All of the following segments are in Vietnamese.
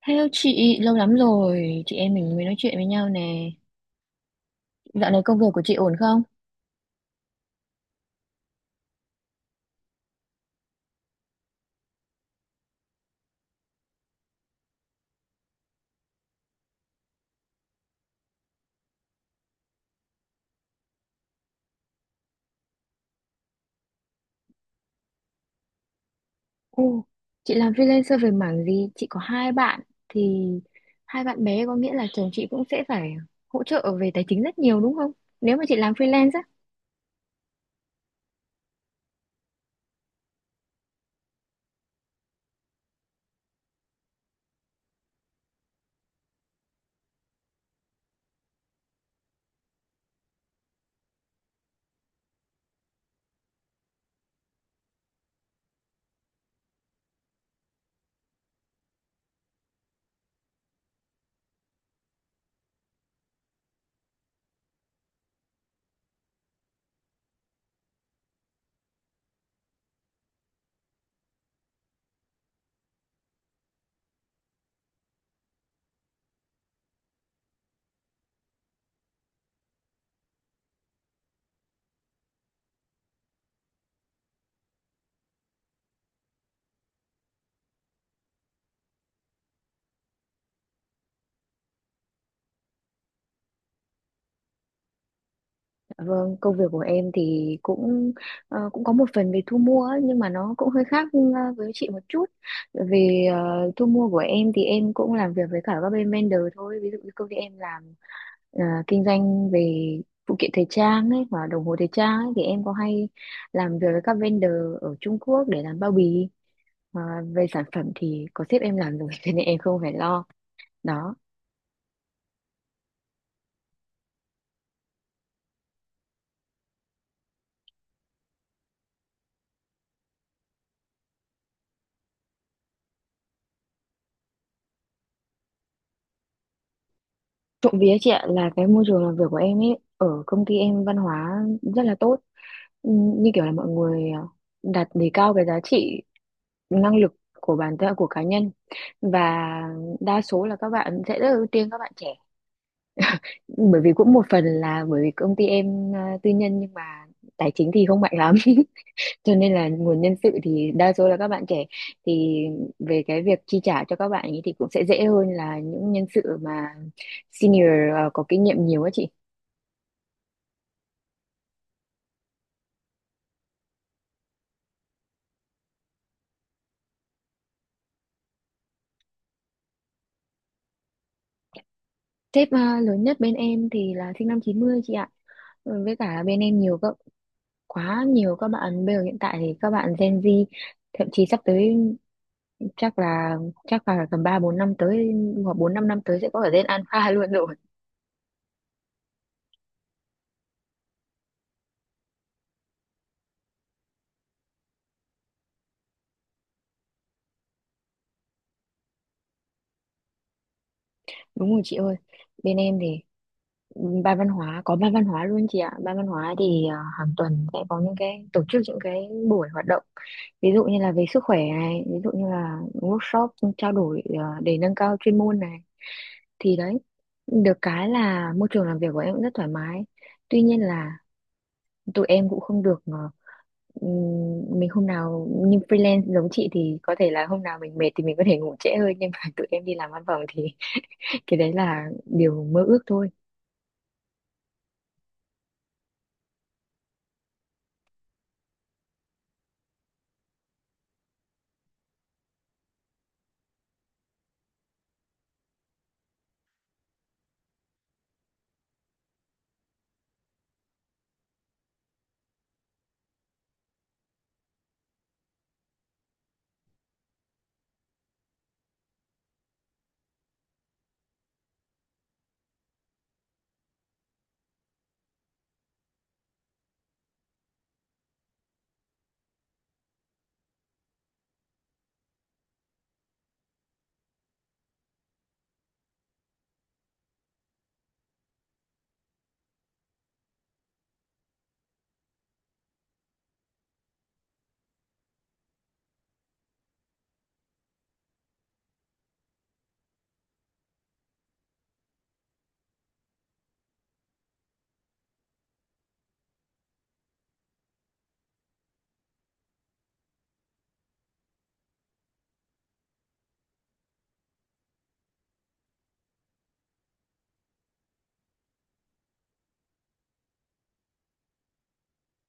Hello chị, lâu lắm rồi chị em mình mới nói chuyện với nhau nè. Dạo này công việc của chị ổn không? Ồ, chị làm freelancer về mảng gì? Chị có hai bạn thì hai bạn bé có nghĩa là chồng chị cũng sẽ phải hỗ trợ về tài chính rất nhiều đúng không? Nếu mà chị làm freelance á. Dạ vâng, công việc của em thì cũng cũng có một phần về thu mua ấy, nhưng mà nó cũng hơi khác với chị một chút. Bởi vì thu mua của em thì em cũng làm việc với cả các bên vendor thôi. Ví dụ như công ty em làm ờ, kinh doanh về phụ kiện thời trang ấy và đồng hồ thời trang ấy thì em có hay làm việc với các vendor ở Trung Quốc để làm bao bì. Ờ, Về sản phẩm thì có sếp em làm rồi cho nên em không phải lo đó. Trộm vía chị ạ, là cái môi trường làm việc của em ấy ở công ty em văn hóa rất là tốt. Ừ, như kiểu là mọi người đặt đề cao cái giá trị năng lực của bản thân, của cá nhân, và đa số là các bạn sẽ rất là ưu tiên các bạn trẻ, bởi vì cũng một phần là bởi vì công ty em tư nhân nhưng mà tài chính thì không mạnh lắm cho nên là nguồn nhân sự thì đa số là các bạn trẻ. Thì về cái việc chi trả cho các bạn ấy thì cũng sẽ dễ hơn là những nhân sự mà senior, có kinh nghiệm nhiều á chị. Sếp lớn nhất bên em thì là sinh năm 90 chị ạ. Ừ, với cả bên em nhiều các quá nhiều các bạn bây giờ, hiện tại thì các bạn Gen Z, thậm chí sắp tới chắc là chắc là tầm ba bốn năm tới hoặc bốn năm năm tới sẽ có ở Gen Alpha luôn rồi. Đúng rồi chị ơi, bên em thì có ban văn hóa luôn chị ạ. Ban văn hóa thì hàng tuần sẽ có những cái tổ chức những cái buổi hoạt động. Ví dụ như là về sức khỏe này, ví dụ như là workshop trao đổi để nâng cao chuyên môn này. Thì đấy, được cái là môi trường làm việc của em cũng rất thoải mái. Tuy nhiên là tụi em cũng không được mình hôm nào như freelance giống chị thì có thể là hôm nào mình mệt thì mình có thể ngủ trễ hơn, nhưng mà tụi em đi làm văn phòng thì cái đấy là điều mơ ước thôi.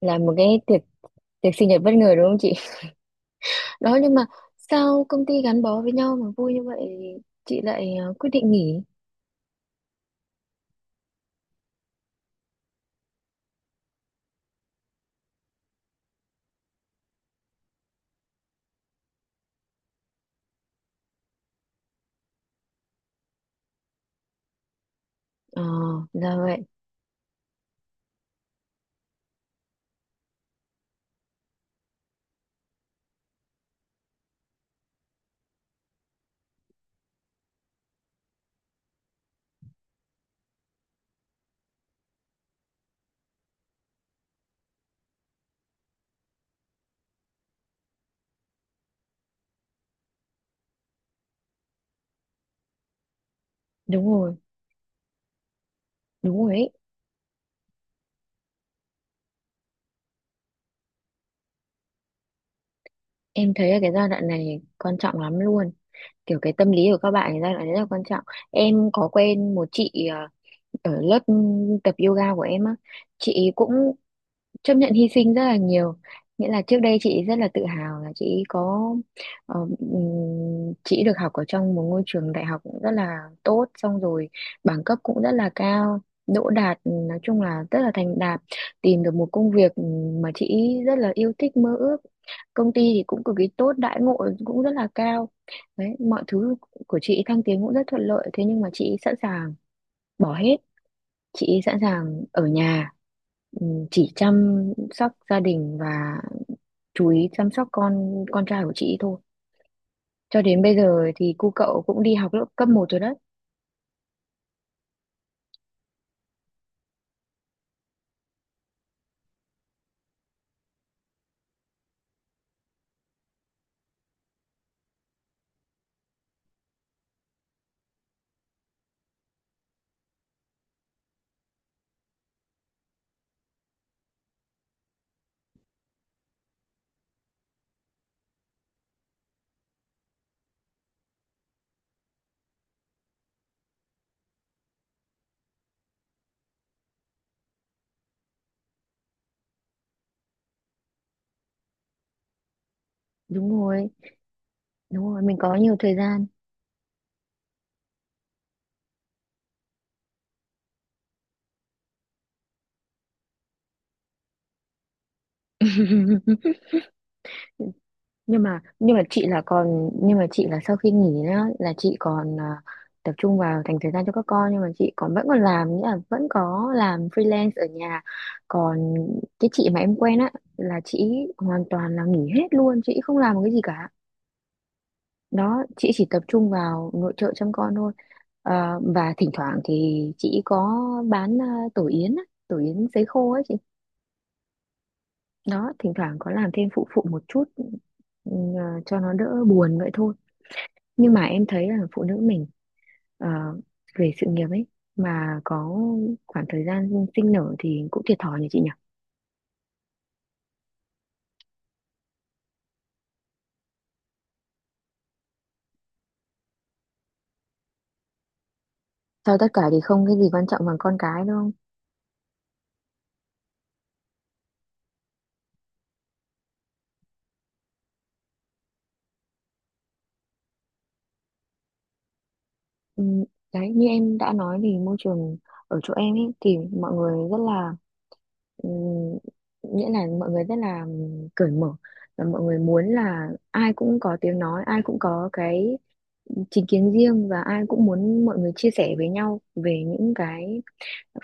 Là một cái tiệc tiệc sinh nhật bất ngờ đúng không chị? Đó, nhưng mà sao công ty gắn bó với nhau mà vui như vậy chị lại quyết định nghỉ? ờ là vậy. Đúng rồi, đúng rồi ấy. Em thấy là cái giai đoạn này quan trọng lắm luôn, kiểu cái tâm lý của các bạn thì giai đoạn này rất là quan trọng. Em có quen một chị ở lớp tập yoga của em á, chị cũng chấp nhận hy sinh rất là nhiều, nghĩa là trước đây chị rất là tự hào là chị có chị được học ở trong một ngôi trường đại học cũng rất là tốt, xong rồi bằng cấp cũng rất là cao, đỗ đạt, nói chung là rất là thành đạt, tìm được một công việc mà chị rất là yêu thích, mơ ước, công ty thì cũng cực kỳ tốt, đãi ngộ cũng rất là cao, đấy mọi thứ của chị thăng tiến cũng rất thuận lợi, thế nhưng mà chị sẵn sàng bỏ hết, chị sẵn sàng ở nhà, chỉ chăm sóc gia đình và chú ý chăm sóc con trai của chị thôi, cho đến bây giờ thì cu cậu cũng đi học lớp cấp một rồi đấy. Đúng rồi, đúng rồi, mình có nhiều thời gian. Nhưng mà chị là còn, nhưng mà chị là sau khi nghỉ á, là chị còn tập trung vào dành thời gian cho các con, nhưng mà chị còn vẫn còn làm, nghĩa là vẫn có làm freelance ở nhà. Còn cái chị mà em quen á, là chị hoàn toàn là nghỉ hết luôn, chị không làm một cái gì cả, đó chị chỉ tập trung vào nội trợ chăm con thôi. Ờ, và thỉnh thoảng thì chị có bán tổ yến á, tổ yến sấy khô ấy chị, đó thỉnh thoảng có làm thêm phụ phụ một chút, ừ, cho nó đỡ buồn vậy thôi. Nhưng mà em thấy là phụ nữ mình ờ, về sự nghiệp ấy mà có khoảng thời gian sinh nở thì cũng thiệt thòi nhỉ chị nhỉ? Sau tất cả thì không cái gì quan trọng bằng con cái đúng không? Ừ, đấy như em đã nói thì môi trường ở chỗ em ấy thì mọi người rất là ừ, nghĩa là mọi người rất là cởi mở, và mọi người muốn là ai cũng có tiếng nói, ai cũng có cái chính kiến riêng, và ai cũng muốn mọi người chia sẻ với nhau về những cái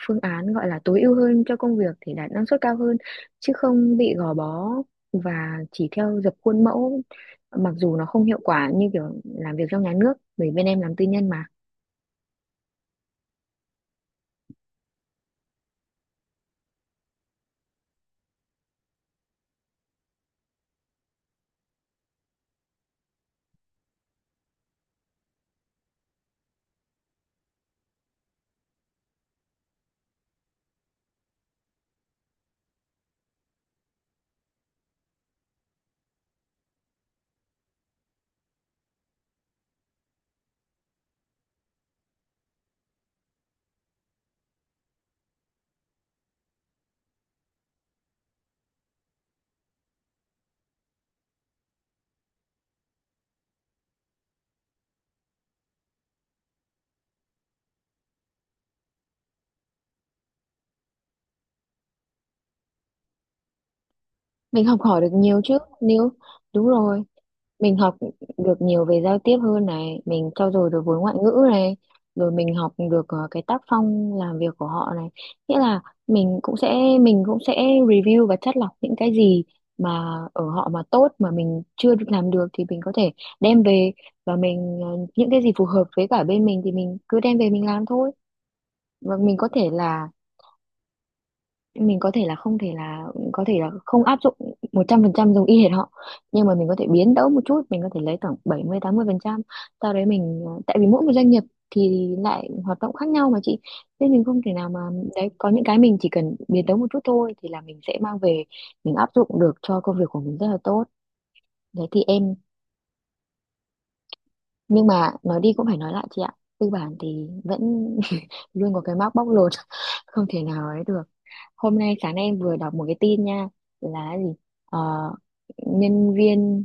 phương án gọi là tối ưu hơn cho công việc để đạt năng suất cao hơn, chứ không bị gò bó và chỉ theo dập khuôn mẫu, mặc dù nó không hiệu quả như kiểu làm việc trong nhà nước, bởi bên em làm tư nhân mà. Mình học hỏi được nhiều chứ nếu, đúng rồi, mình học được nhiều về giao tiếp hơn này, mình trau dồi được vốn ngoại ngữ này, rồi mình học được cái tác phong làm việc của họ này, nghĩa là mình cũng sẽ mình cũng sẽ review và chắt lọc những cái gì mà ở họ mà tốt mà mình chưa được làm được thì mình có thể đem về, và mình những cái gì phù hợp với cả bên mình thì mình cứ đem về mình làm thôi, và mình có thể là không, thể là có thể là không áp dụng 100% giống y hệt họ. Nhưng mà mình có thể biến tấu một chút, mình có thể lấy khoảng bảy mươi mươi 80%, sau đấy mình tại vì mỗi một doanh nghiệp thì lại hoạt động khác nhau mà chị, nên mình không thể nào mà, đấy có những cái mình chỉ cần biến tấu một chút thôi thì là mình sẽ mang về mình áp dụng được cho công việc của mình rất là tốt, đấy thì em. Nhưng mà nói đi cũng phải nói lại chị ạ, tư bản thì vẫn luôn có cái mác bóc lột, không thể nào ấy được. Hôm nay sáng nay em vừa đọc một cái tin nha, là cái gì? Ờ, nhân viên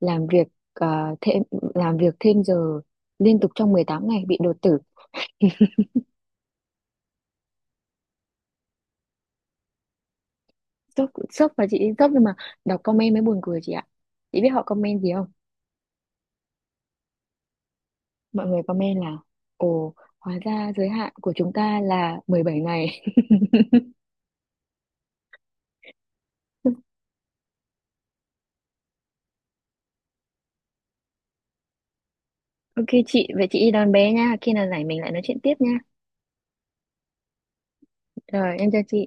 làm việc ờ, thêm làm việc thêm giờ liên tục trong 18 ngày bị đột tử. Sốc sốc, và chị sốc, nhưng mà đọc comment mới buồn cười chị ạ, chị biết họ comment gì không? Mọi người comment là, ồ, hóa ra giới hạn của chúng ta là 17 ngày. OK chị, vậy chị đi đón bé nha, khi nào rảnh mình lại nói chuyện tiếp nha. Rồi em chào chị.